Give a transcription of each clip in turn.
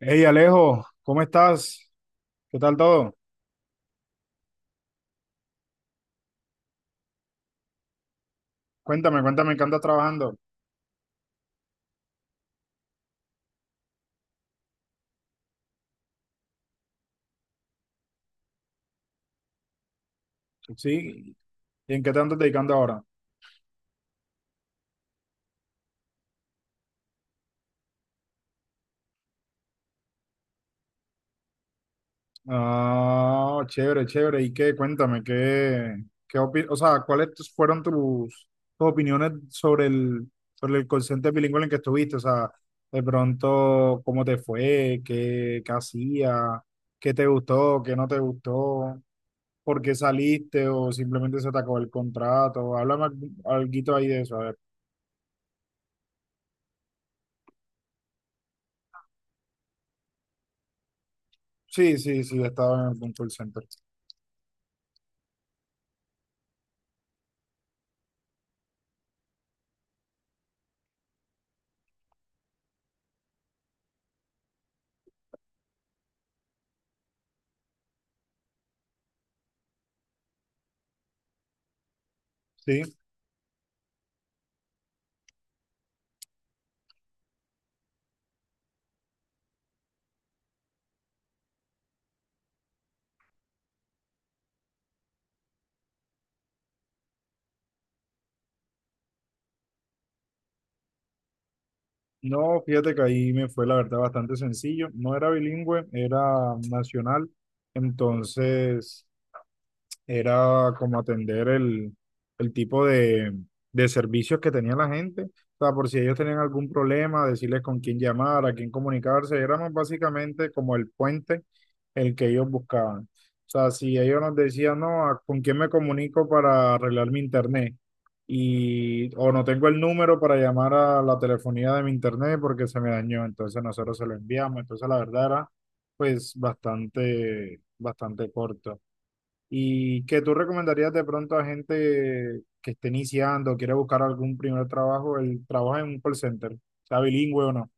Hey Alejo, ¿cómo estás? ¿Qué tal todo? Cuéntame, cuéntame en qué andas trabajando. Sí, ¿y en qué te andas dedicando ahora? Ah, chévere, chévere. ¿Y qué? Cuéntame, ¿qué, o sea, cuáles tus- fueron tus, tus opiniones sobre sobre el call center bilingüe en el que estuviste? O sea, de pronto, ¿cómo te fue? ¿Qué, qué hacía? ¿Qué te gustó? ¿Qué no te gustó? ¿Por qué saliste? ¿O simplemente se te acabó el contrato? Háblame algo ahí de eso, a ver. Sí, sí, sí, estaba en algún call center. Sí, no, fíjate que ahí me fue la verdad bastante sencillo. No era bilingüe, era nacional. Entonces, era como atender el tipo de servicios que tenía la gente. O sea, por si ellos tenían algún problema, decirles con quién llamar, a quién comunicarse. Éramos básicamente como el puente el que ellos buscaban. O sea, si ellos nos decían, no, ¿con quién me comunico para arreglar mi internet? Y, o no tengo el número para llamar a la telefonía de mi internet porque se me dañó. Entonces nosotros se lo enviamos. Entonces la verdad era pues bastante, bastante corto. ¿Y que tú recomendarías de pronto a gente que esté iniciando, quiere buscar algún primer trabajo, el trabajo en un call center, sea bilingüe o no?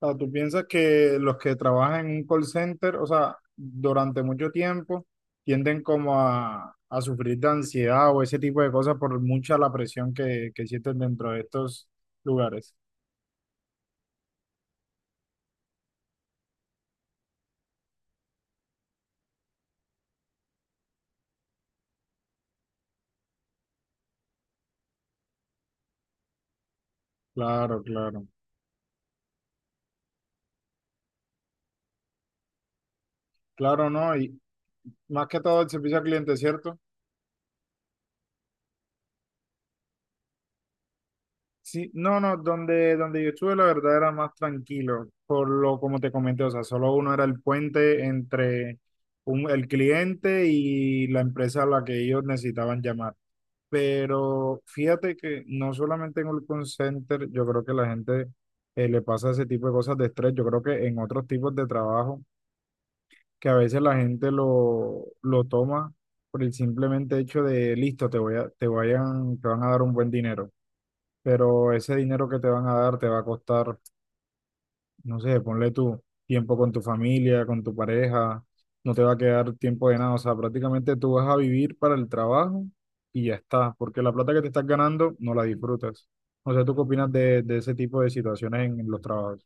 O sea, ¿tú piensas que los que trabajan en un call center, o sea, durante mucho tiempo, tienden como a sufrir de ansiedad o ese tipo de cosas por mucha la presión que sienten dentro de estos lugares? Claro, claro. Claro, ¿no? Y más que todo el servicio al cliente, ¿cierto? Sí, no, no, donde yo estuve la verdad era más tranquilo, por lo como te comenté, o sea, solo uno era el puente entre el cliente y la empresa a la que ellos necesitaban llamar. Pero fíjate que no solamente en el call center, yo creo que la gente le pasa ese tipo de cosas de estrés, yo creo que en otros tipos de trabajo, que a veces la gente lo toma por el simplemente hecho de, listo, te voy a, te vayan, te van a dar un buen dinero, pero ese dinero que te van a dar te va a costar, no sé, ponle tu tiempo con tu familia, con tu pareja, no te va a quedar tiempo de nada, o sea, prácticamente tú vas a vivir para el trabajo y ya está, porque la plata que te estás ganando no la disfrutas. O sea, ¿tú qué opinas de ese tipo de situaciones en los trabajos?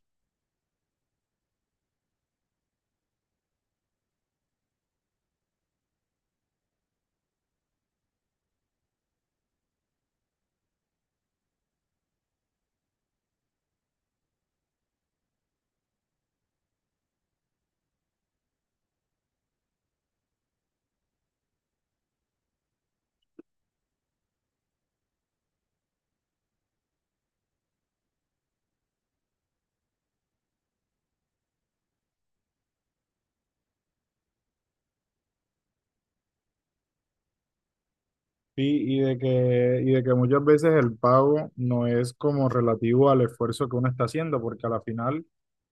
Y de que muchas veces el pago no es como relativo al esfuerzo que uno está haciendo, porque a la final,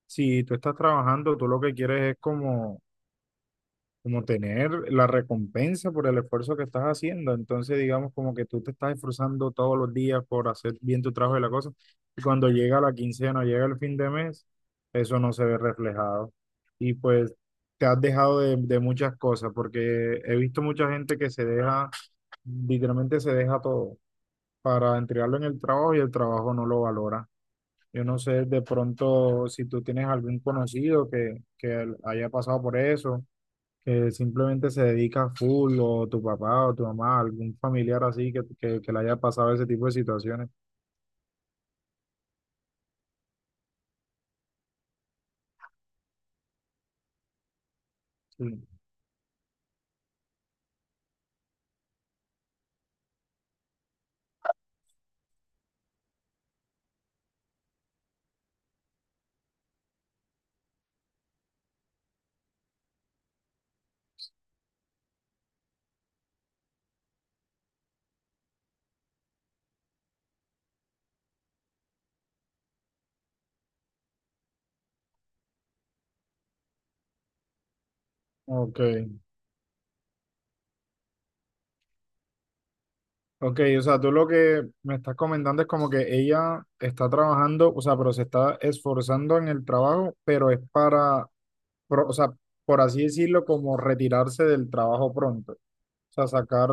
si tú estás trabajando, tú lo que quieres es como tener la recompensa por el esfuerzo que estás haciendo. Entonces, digamos, como que tú te estás esforzando todos los días por hacer bien tu trabajo y la cosa. Y cuando llega la quincena, llega el fin de mes, eso no se ve reflejado. Y pues te has dejado de muchas cosas, porque he visto mucha gente que se deja, literalmente se deja todo para entregarlo en el trabajo y el trabajo no lo valora. Yo no sé de pronto si tú tienes algún conocido que haya pasado por eso que simplemente se dedica full, o tu papá o tu mamá, algún familiar así que le haya pasado ese tipo de situaciones. Sí. Ok, ok, o sea, tú lo que me estás comentando es como que ella está trabajando, o sea, pero se está esforzando en el trabajo, pero es para, o sea, por así decirlo, como retirarse del trabajo pronto. Sea, sacar,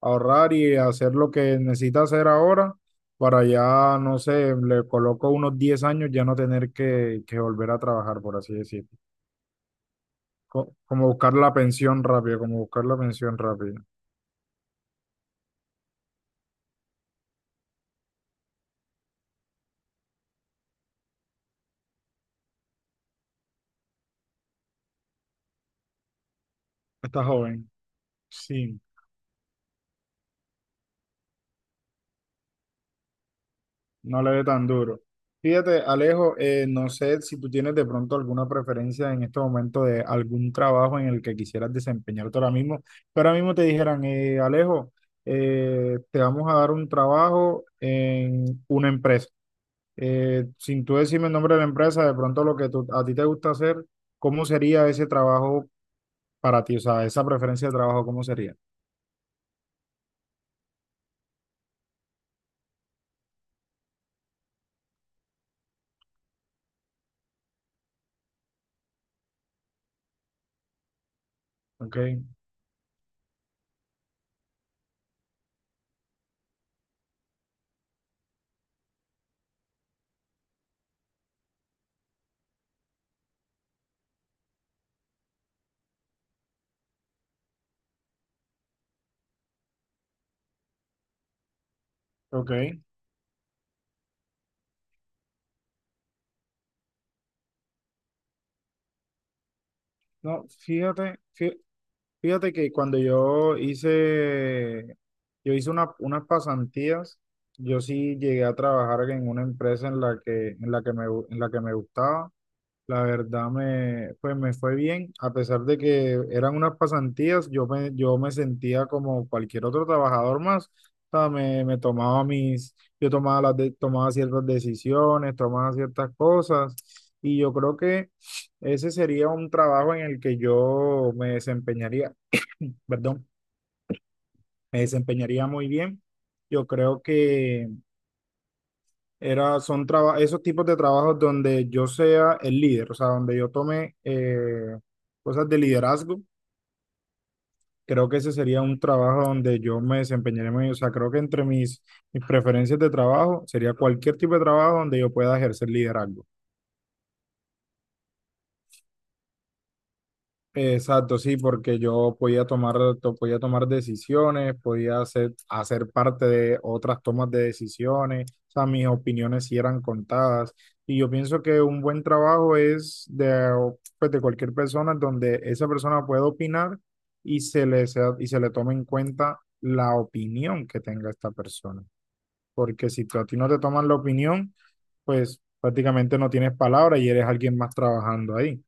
ahorrar y hacer lo que necesita hacer ahora para ya, no sé, le coloco unos 10 años ya no tener que volver a trabajar, por así decirlo. Como buscar la pensión rápida, como buscar la pensión rápida. Está joven. Sí. No le dé tan duro. Fíjate, Alejo, no sé si tú tienes de pronto alguna preferencia en este momento de algún trabajo en el que quisieras desempeñarte ahora mismo, pero ahora mismo te dijeran, Alejo, te vamos a dar un trabajo en una empresa. Sin tú decirme el nombre de la empresa, de pronto lo que a ti te gusta hacer, ¿cómo sería ese trabajo para ti? O sea, esa preferencia de trabajo, ¿cómo sería? Ok, ok. No, fíjate, fíjate que cuando yo hice unas pasantías, yo sí llegué a trabajar en una empresa en la en la que en la que me gustaba. La verdad pues me fue bien, a pesar de que eran unas pasantías, yo me sentía como cualquier otro trabajador más. O sea, me tomaba mis, yo tomaba tomaba ciertas decisiones, tomaba ciertas cosas, y yo creo que ese sería un trabajo en el que yo me desempeñaría, perdón, me desempeñaría muy bien. Yo creo que era, son esos tipos de trabajos donde yo sea el líder, o sea, donde yo tome cosas de liderazgo. Creo que ese sería un trabajo donde yo me desempeñaría muy bien. O sea, creo que entre mis preferencias de trabajo sería cualquier tipo de trabajo donde yo pueda ejercer liderazgo. Exacto, sí, porque yo podía tomar, podía tomar decisiones, podía hacer, hacer parte de otras tomas de decisiones, o sea, mis opiniones sí eran contadas. Y yo pienso que un buen trabajo es de, pues, de cualquier persona donde esa persona pueda opinar y y se le tome en cuenta la opinión que tenga esta persona. Porque si a ti no te toman la opinión, pues prácticamente no tienes palabra y eres alguien más trabajando ahí.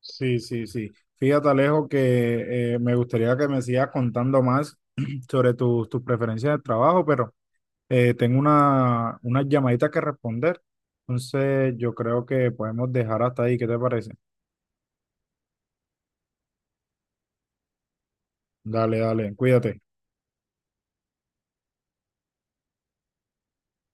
Sí, sí, sí. Fíjate, Alejo, que me gustaría que me sigas contando más sobre tus preferencias de trabajo, pero tengo una llamadita que responder. Entonces, yo creo que podemos dejar hasta ahí. ¿Qué te parece? Dale, dale, cuídate.